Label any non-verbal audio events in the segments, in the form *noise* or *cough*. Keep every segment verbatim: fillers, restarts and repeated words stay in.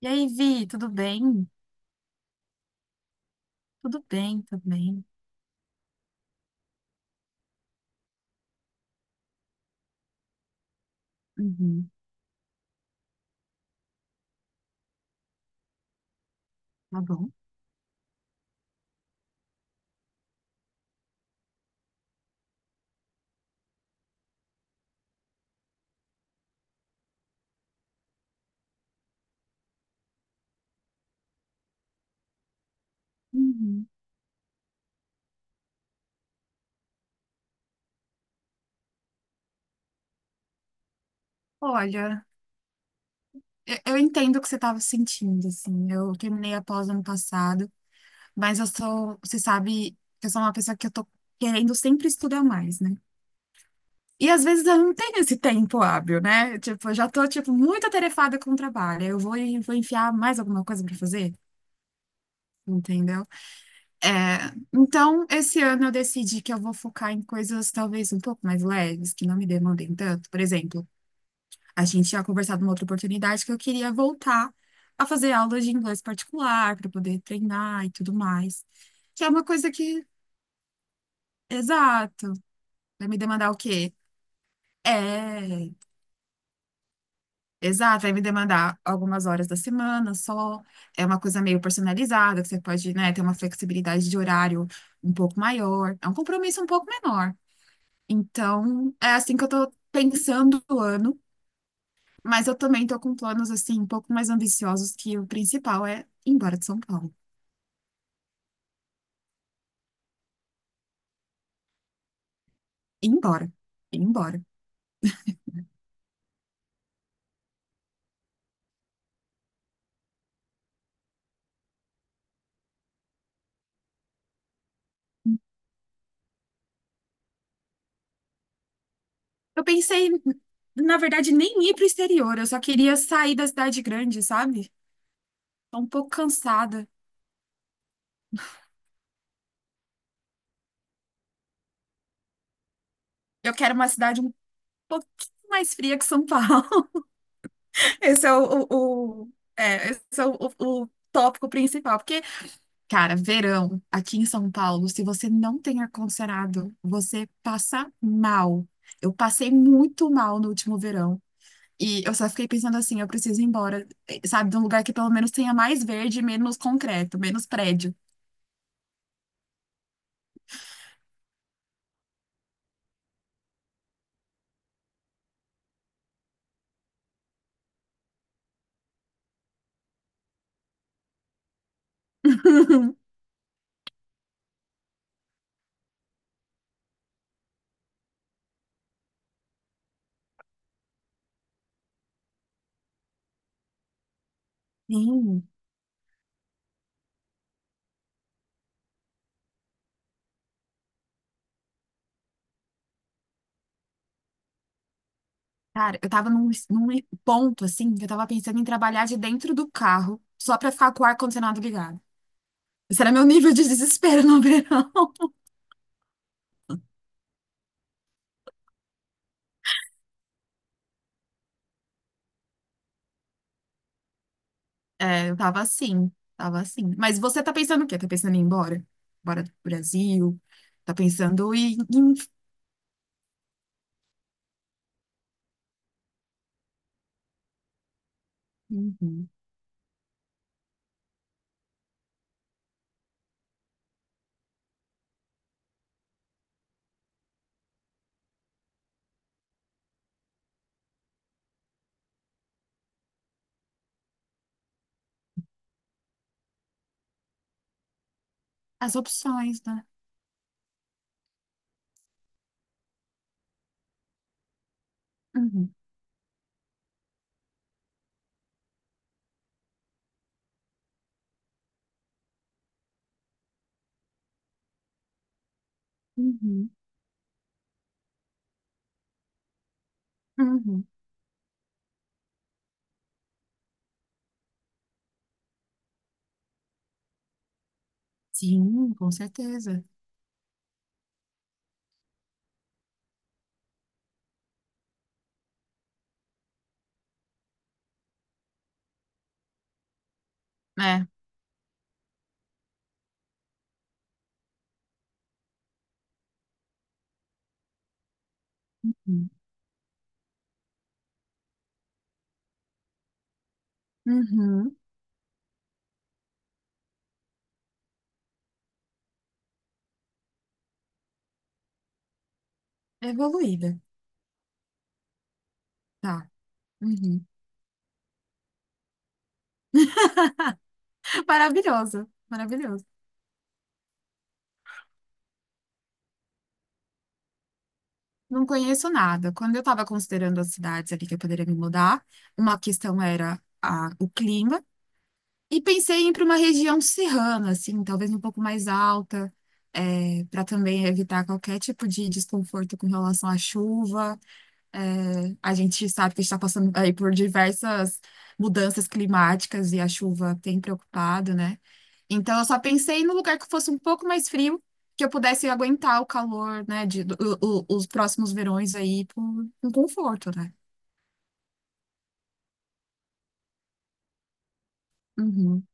E aí, Vi, tudo bem? Tudo bem também. Uhum, tá bom. Uhum. Olha, eu, eu entendo o que você estava sentindo, assim. Eu terminei a pós ano passado, mas eu sou, você sabe que eu sou uma pessoa que eu tô querendo sempre estudar mais, né? E às vezes eu não tenho esse tempo hábil, né? Tipo, eu já tô, tipo, muito atarefada com o trabalho. Eu vou, e vou enfiar mais alguma coisa para fazer, entendeu? É, então, esse ano eu decidi que eu vou focar em coisas talvez um pouco mais leves, que não me demandem tanto. Por exemplo, a gente tinha conversado numa outra oportunidade que eu queria voltar a fazer aulas de inglês particular para poder treinar e tudo mais. Que é uma coisa que, exato, vai me demandar o quê? É, exato, vai me demandar algumas horas da semana só. É uma coisa meio personalizada, que você pode, né, ter uma flexibilidade de horário um pouco maior. É um compromisso um pouco menor. Então, é assim que eu tô pensando o ano, mas eu também tô com planos assim um pouco mais ambiciosos que o principal é ir embora de São Paulo. Ir embora, ir embora. Eu pensei, na verdade, nem ir pro exterior, eu só queria sair da cidade grande, sabe? Tô um pouco cansada. Eu quero uma cidade um pouquinho mais fria que São Paulo. *laughs* Esse é o, o, o- é, esse é o, o o tópico principal, porque cara, verão aqui em São Paulo, se você não tem ar-condicionado, você passa mal. Eu passei muito mal no último verão. E eu só fiquei pensando assim, eu preciso ir embora, eh, sabe, de um lugar que pelo menos tenha mais verde, e menos concreto, menos prédio. *laughs* Sim, cara, eu tava num, num ponto assim, que eu tava pensando em trabalhar de dentro do carro, só pra ficar com o ar-condicionado ligado. Esse era meu nível de desespero no *laughs* verão. É, eu tava assim, tava assim. Mas você tá pensando o quê? Tá pensando em ir embora? Embora do Brasil? Tá pensando em, em- Uhum. As opções, né? Uhum, uhum, uhum. Sim, com certeza. É. Uhum. Uhum. Evoluída. Tá. Uhum. *laughs* Maravilhoso, maravilhoso. Não conheço nada. Quando eu estava considerando as cidades ali que eu poderia me mudar, uma questão era a, o clima. E pensei em ir para uma região serrana, assim, talvez um pouco mais alta, para também evitar qualquer tipo de desconforto com relação à chuva. É, a gente sabe que a gente está passando aí por diversas mudanças climáticas e a chuva tem preocupado, né? Então, eu só pensei num lugar que fosse um pouco mais frio, que eu pudesse aguentar o calor, né, de, do- o- os próximos verões aí por, com conforto, né? Uhum,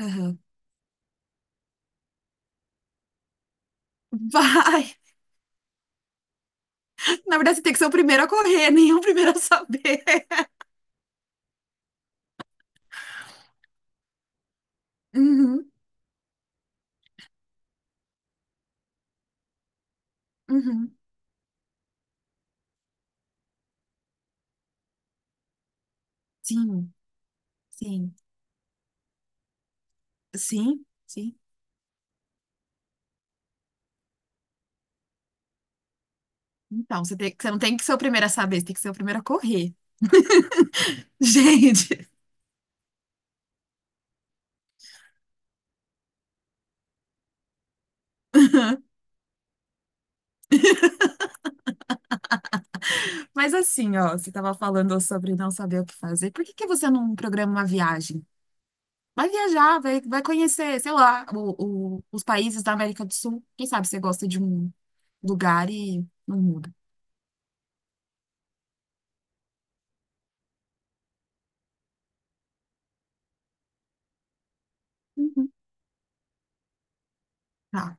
aham. *laughs* Vai! Na verdade, você tem que ser o primeiro a correr, *laughs* nem o primeiro a saber. *laughs* Uhum, uhum. Sim, sim, sim, sim. Então, você tem, você não tem que ser o primeiro a saber, você tem que ser o primeiro a correr. *laughs* Gente, *laughs* mas assim, ó, você estava falando sobre não saber o que fazer. Por que que você não programa uma viagem? Vai viajar, vai, vai conhecer, sei lá, o, o- os países da América do Sul. Quem sabe você gosta de um lugar e não muda. Uhum. Tá.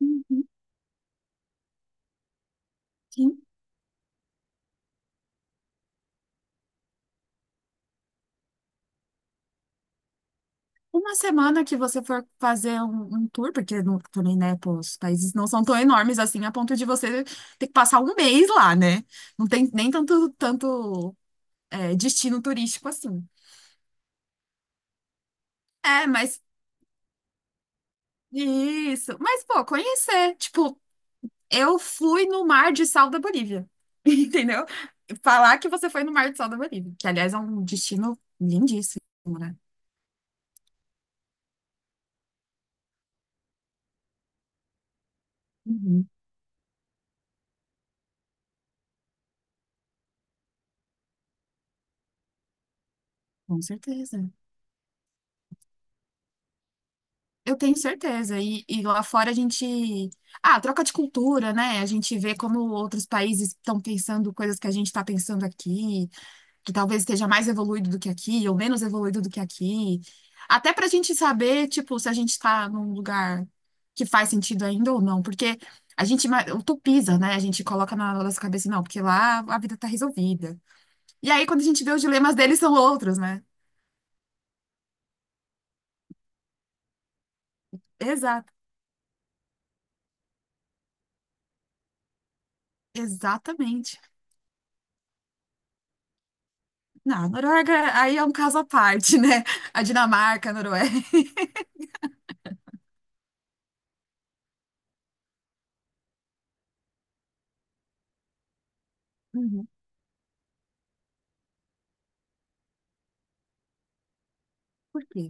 Uhum. Sim. Uma semana que você for fazer um, um tour, porque não- também, né, pô, os países não são tão enormes assim, a ponto de você ter que passar um mês lá, né? Não tem nem tanto, tanto, é, destino turístico assim. É, mas isso. Mas, pô, conhecer. Tipo, eu fui no Mar de Sal da Bolívia, *laughs* entendeu? Falar que você foi no Mar de Sal da Bolívia, que, aliás, é um destino lindíssimo, né? Uhum, com certeza. Eu tenho certeza. E, e lá fora a gente. Ah, troca de cultura, né? A gente vê como outros países estão pensando coisas que a gente está pensando aqui, que talvez esteja mais evoluído do que aqui, ou menos evoluído do que aqui. Até para a gente saber, tipo, se a gente está num lugar que faz sentido ainda ou não. Porque a gente ma- utopiza, né? A gente coloca na nossa cabeça, não, porque lá a vida está resolvida. E aí, quando a gente vê os dilemas deles, são outros, né? Exato. Exatamente. Não, a Noruega aí é um caso à parte, né? A Dinamarca, a Noruega. Uhum. Por quê?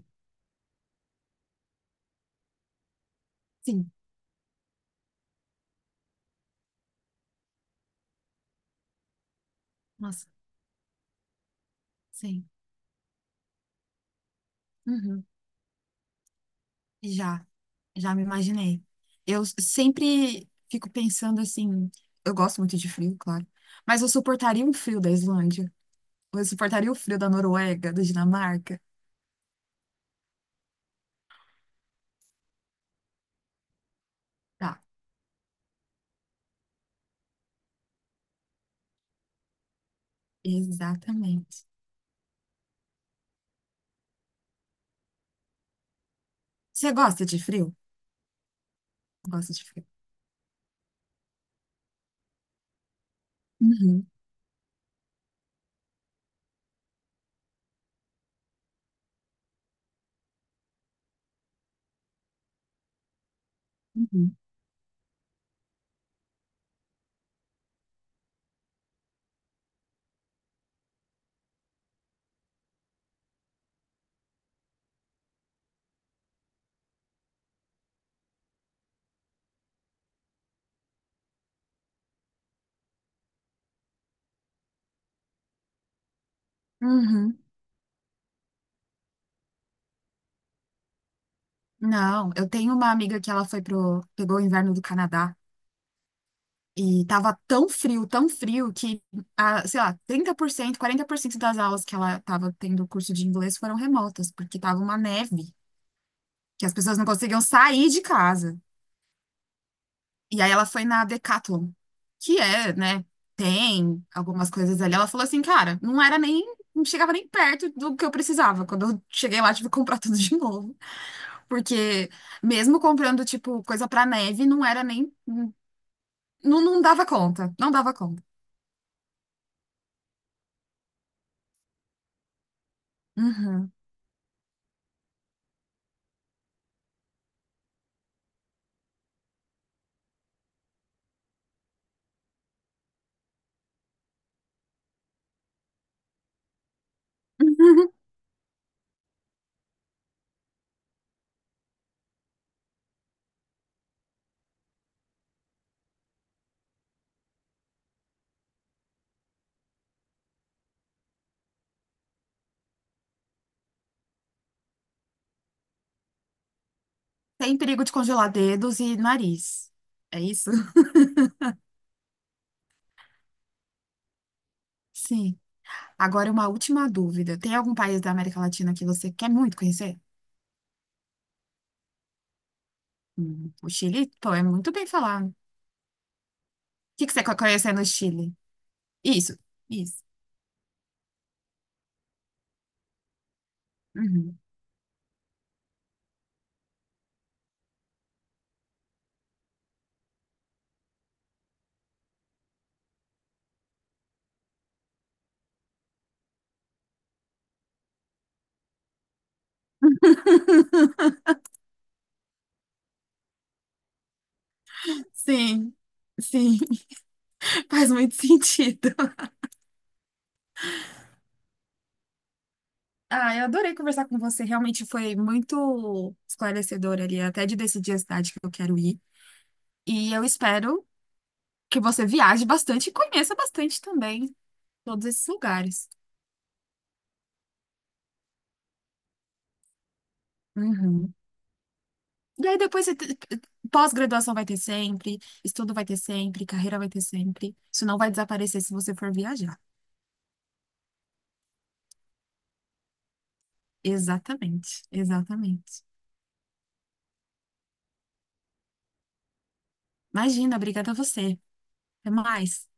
Sim, nossa, sim. Uhum. Já, já me imaginei. Eu s- sempre fico pensando assim, eu gosto muito de frio, claro, mas eu suportaria um frio da Islândia? Ou eu suportaria o frio da Noruega, da Dinamarca? Tá, exatamente. Você gosta de frio? Gosta de frio. Uhum, uhum, uhum. Não, eu tenho uma amiga que ela foi pro, pegou o inverno do Canadá. E tava tão frio, tão frio, que, ah, sei lá, trinta por cento, quarenta por cento das aulas que ela tava tendo curso de inglês foram remotas, porque tava uma neve, que as pessoas não conseguiam sair de casa. E aí ela foi na Decathlon, que é, né, tem algumas coisas ali. Ela falou assim, cara, não era nem, não chegava nem perto do que eu precisava. Quando eu cheguei lá, tive que comprar tudo de novo. Porque mesmo comprando, tipo, coisa pra neve, não era nem, não, não dava conta, não dava conta. Uhum. *laughs* Sem perigo de congelar dedos e nariz. É isso? *laughs* Sim. Agora, uma última dúvida. Tem algum país da América Latina que você quer muito conhecer? Hum, O Chile? Pô, é muito bem falado. O que que você quer conhecer no Chile? Isso, isso. Uhum. Sim, sim. *laughs* Faz muito sentido. Ah, eu adorei conversar com você. Realmente foi muito esclarecedor ali, até de decidir a cidade que eu quero ir. E eu espero que você viaje bastante e conheça bastante também todos esses lugares. Uhum. E aí depois você te- pós-graduação vai ter sempre, estudo vai ter sempre, carreira vai ter sempre. Isso não vai desaparecer se você for viajar. Exatamente, exatamente. Imagina, obrigada a você. Até mais.